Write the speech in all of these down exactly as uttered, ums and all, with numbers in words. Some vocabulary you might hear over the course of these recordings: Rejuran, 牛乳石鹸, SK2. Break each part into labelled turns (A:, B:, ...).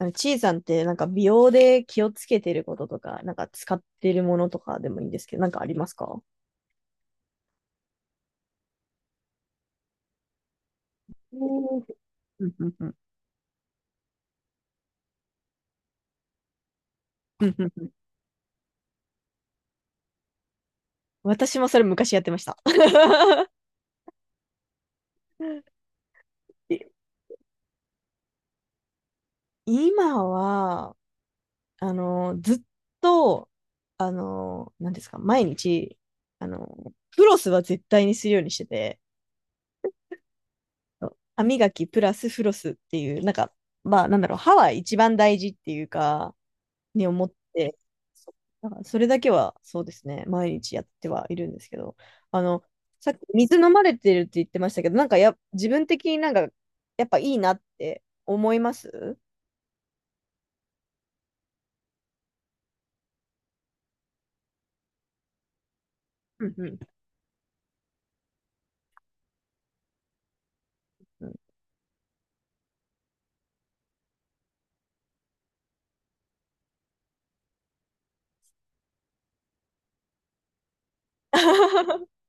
A: あの、ちいさんってなんか美容で気をつけてることとか、なんか使ってるものとかでもいいんですけど、なんかありますか？うんうんうんうんうん。私もそれ昔やってました。い今は、あの、ずっと、あの、何ですか、毎日、あの、フロスは絶対にするようにしてて、歯磨きプラスフロスっていう、なんか、まあ、なんだろう、歯は一番大事っていうか、に思って、そうだからそれだけはそうですね、毎日やってはいるんですけど、あの、さっき水飲まれてるって言ってましたけど、なんかや、自分的になんか、やっぱいいなって思います。うんうんうん。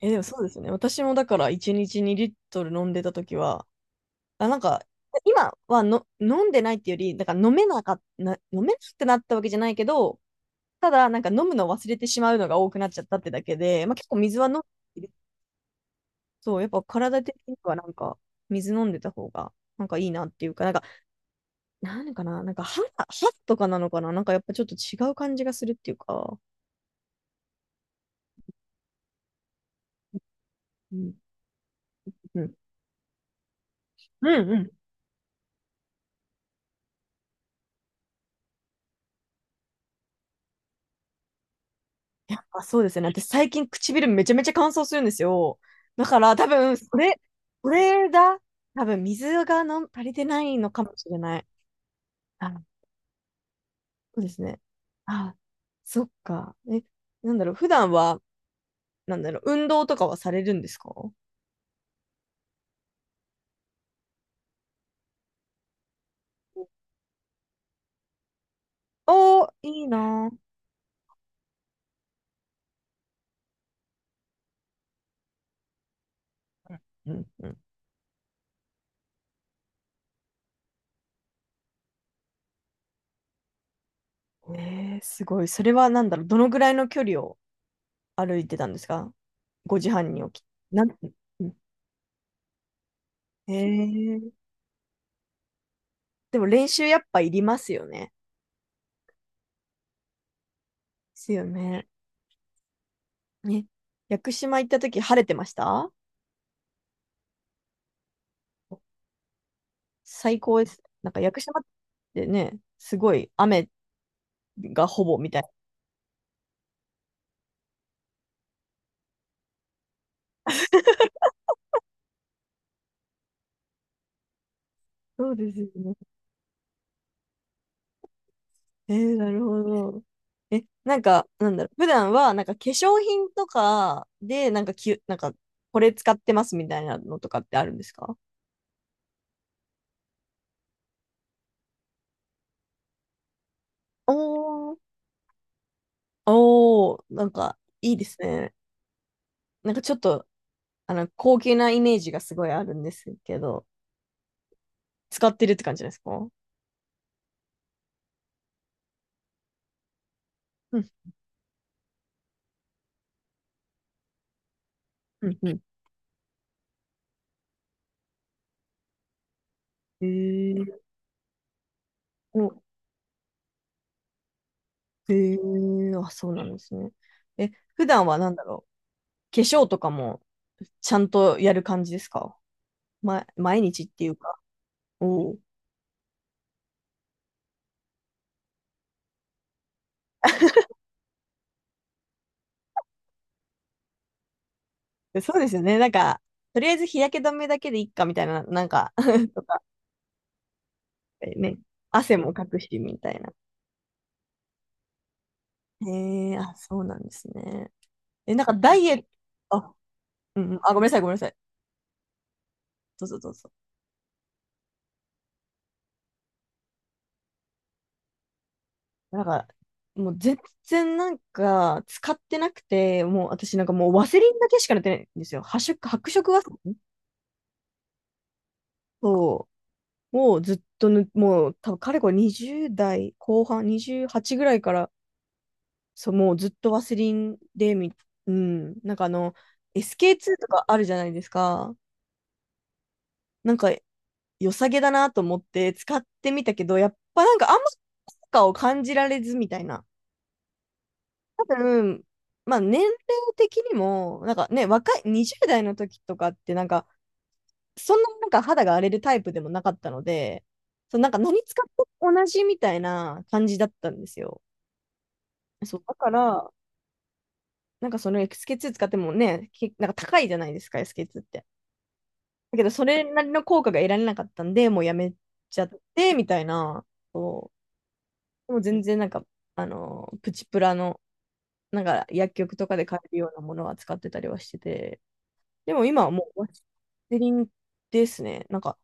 A: え、でもそうですね。私もだからいちにちにリットル飲んでた時は、あ、なんか、今はの飲んでないっていうより、だから飲めなかっな、飲めなくなったわけじゃないけど、ただなんか飲むのを忘れてしまうのが多くなっちゃったってだけで、まあ、結構水は飲む。そう、やっぱ体的にはなんか、水飲んでた方が、なんかいいなっていうか、なんか、なんかな、なんか歯、歯とかなのかな、なんかやっぱちょっと違う感じがするっていうか、うん、うん、うんうん。やっぱそうですよね。私最近唇めちゃめちゃ乾燥するんですよ。だから多分、それ、これだ。多分、水がの足りてないのかもしれない。あ、そうですね。あ、そっか。え、なんだろう、普段は、なんだろう、運動とかはされるんですか？おー、いいなぁ。うんうん。えー、すごい。それは何だろう。どのぐらいの距離を歩いてたんですか？ ご 時半に起き。なん、うん。えー、でも練習やっぱいりますよね。ですよね。ね。屋久島行った時晴れてました？最高です。なんか屋久島ってね、すごい雨がほぼみたいな。そうですよね。えー、なるほど。え、なんか、なんだろう。普段は、なんか化粧品とかで、なんかきゅ、なんか、これ使ってますみたいなのとかってあるんですか？おー。おー、なんか、いいですね。なんかちょっと、あの、高級なイメージがすごいあるんですけど、使ってるって感じですか？うん、うん、うん。えー、お、えー、あ、そうなんですね。え、普段はなんだろう。化粧とかも、ちゃんとやる感じですか？ま、毎日っていうか。おー。えそうですよね。なんか、とりあえず日焼け止めだけでいいかみたいな、なんか とか、ね、汗もかくしみたいな。へえ、あ、そうなんですね。え、なんかダイエット、あ、うんうん、あ、ごめんなさい、ごめんなさい。どうぞどうぞ。なんか、もう全然なんか使ってなくて、もう私なんかもうワセリンだけしか塗ってないんですよ。発色、白色は、そう、もうずっと塗、もう多分かれこれに代後半、にじゅうはちぐらいから、そう、もうずっとワセリンでみ、うん、なんかあの、エスケーツー とかあるじゃないですか。なんか良さげだなと思って使ってみたけど、やっぱなんかあんま効果を感じられずみたいな。多分、まあ年齢的にも、なんかね、若い、に代の時とかってなんか、そんななんか肌が荒れるタイプでもなかったので、そう、なんか何使っても同じみたいな感じだったんですよ。そう、だから、なんかその エスケーツー 使ってもね、けなんか高いじゃないですか、エスケーツー って。だけど、それなりの効果が得られなかったんで、もうやめちゃって、みたいな。そう。でも全然なんか、あの、プチプラの、なんか薬局とかで買えるようなものは使ってたりはしてて、でも今はもうワセリンですね。なんか、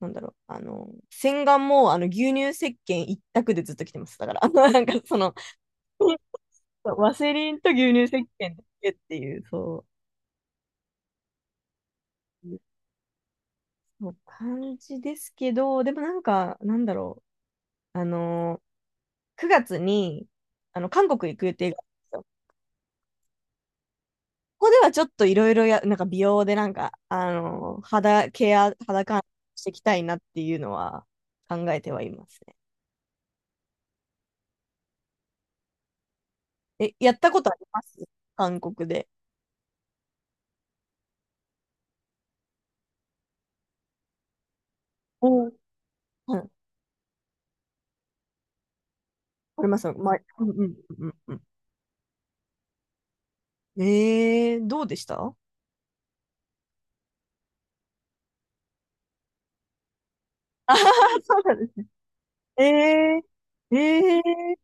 A: なんだろう。あの、洗顔もあの牛乳石鹸一択でずっと来てます。だから、あのなんかその、ワセリンと牛乳石鹸だけっていう、そう、そう感じですけど、でもなんか、なんだろう。あの、くがつに、あの、韓国行く予定があるんですよ。ここではちょっといろいろや、なんか美容でなんか、あの、肌ケア、肌管理していきたいなっていうのは考えてはいます。え、やったことあります？韓国で。うーうん。ありますよ。まあ、うんうんうんうんうん。えー、どうでしたあ？はは そうなんです。ええ。ええー。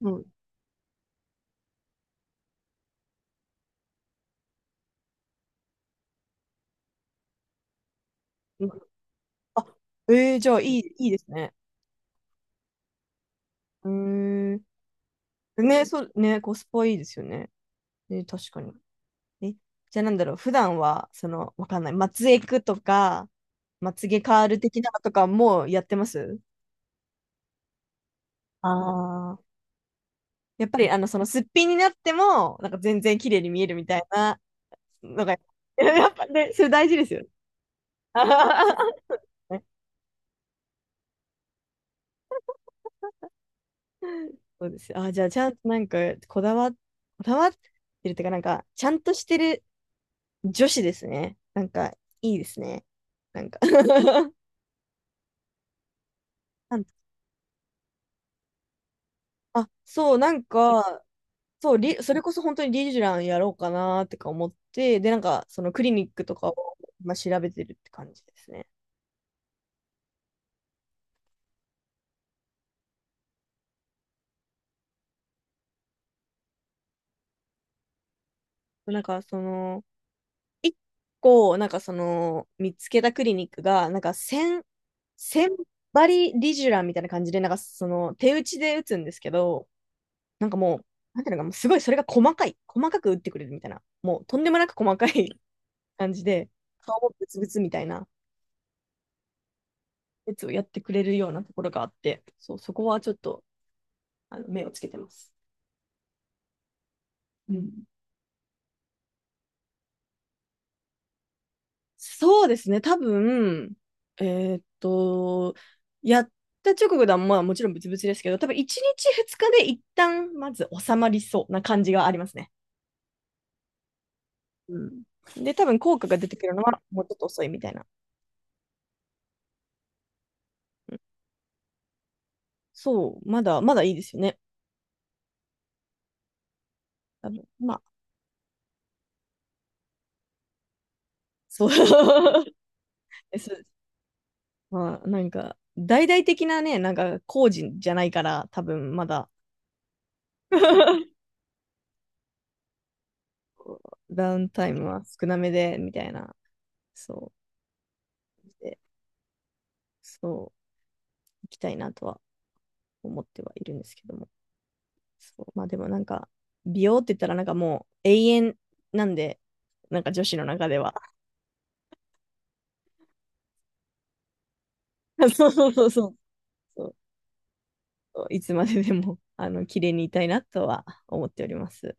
A: うんうん。あ、えーじゃあいい、いいですね。うーん。ね、そう、ね、コスパいいですよね。えー確かに。え、じゃあなんだろう、普段は、その、わかんない、まつエクとか、まつげカール的なのとかもやってます？あ、やっぱりあの、そのすっぴんになっても、なんか全然綺麗に見えるみたいなのが、やっぱね、それ大事ですよね。ね、そうです。あ、じゃあちゃんとなんか、こだわ、こだわってるっていうか、なんか、ちゃんとしてる女子ですね。なんか、いいですね。なんか なんあ、そう、なんか、そう、リそれこそ本当にリジュランやろうかなってか思って、で、なんか、そのクリニックとかを、まあ、調べてるって感じですね。なんか、その、一個、なんかその、見つけたクリニックが、なんかじゅっしんリジュラみたいな感じで、なんかその、手打ちで打つんですけど、なんかもう、なんていうのか、もうすごいそれが細かい、細かく打ってくれるみたいな、もうとんでもなく細かい 感じで、顔もブツブツみたいなやつをやってくれるようなところがあって、そう、そこはちょっと、あの、目をつけてます。うん。そうですね、多分、えーっと、やった直後では、まあもちろんブツブツですけど、多分いちにちふつかで一旦まず収まりそうな感じがありますね。うん。で、多分効果が出てくるのはもうちょっと遅いみたいな。うん。そう、まだ、まだいいですよね。多分、まあ、そう。えそうです。まあ、なんか、大々的なね、なんか工事じゃないから、多分まだ。ダウンタイムは少なめで、みたいな。そう。で、そう。行きたいなとは思ってはいるんですけども。そうまあでもなんか、美容って言ったらなんかもう永遠なんで、なんか女子の中では。そうそうそうそう。そういつまででも、あの、綺麗にいたいなとは思っております。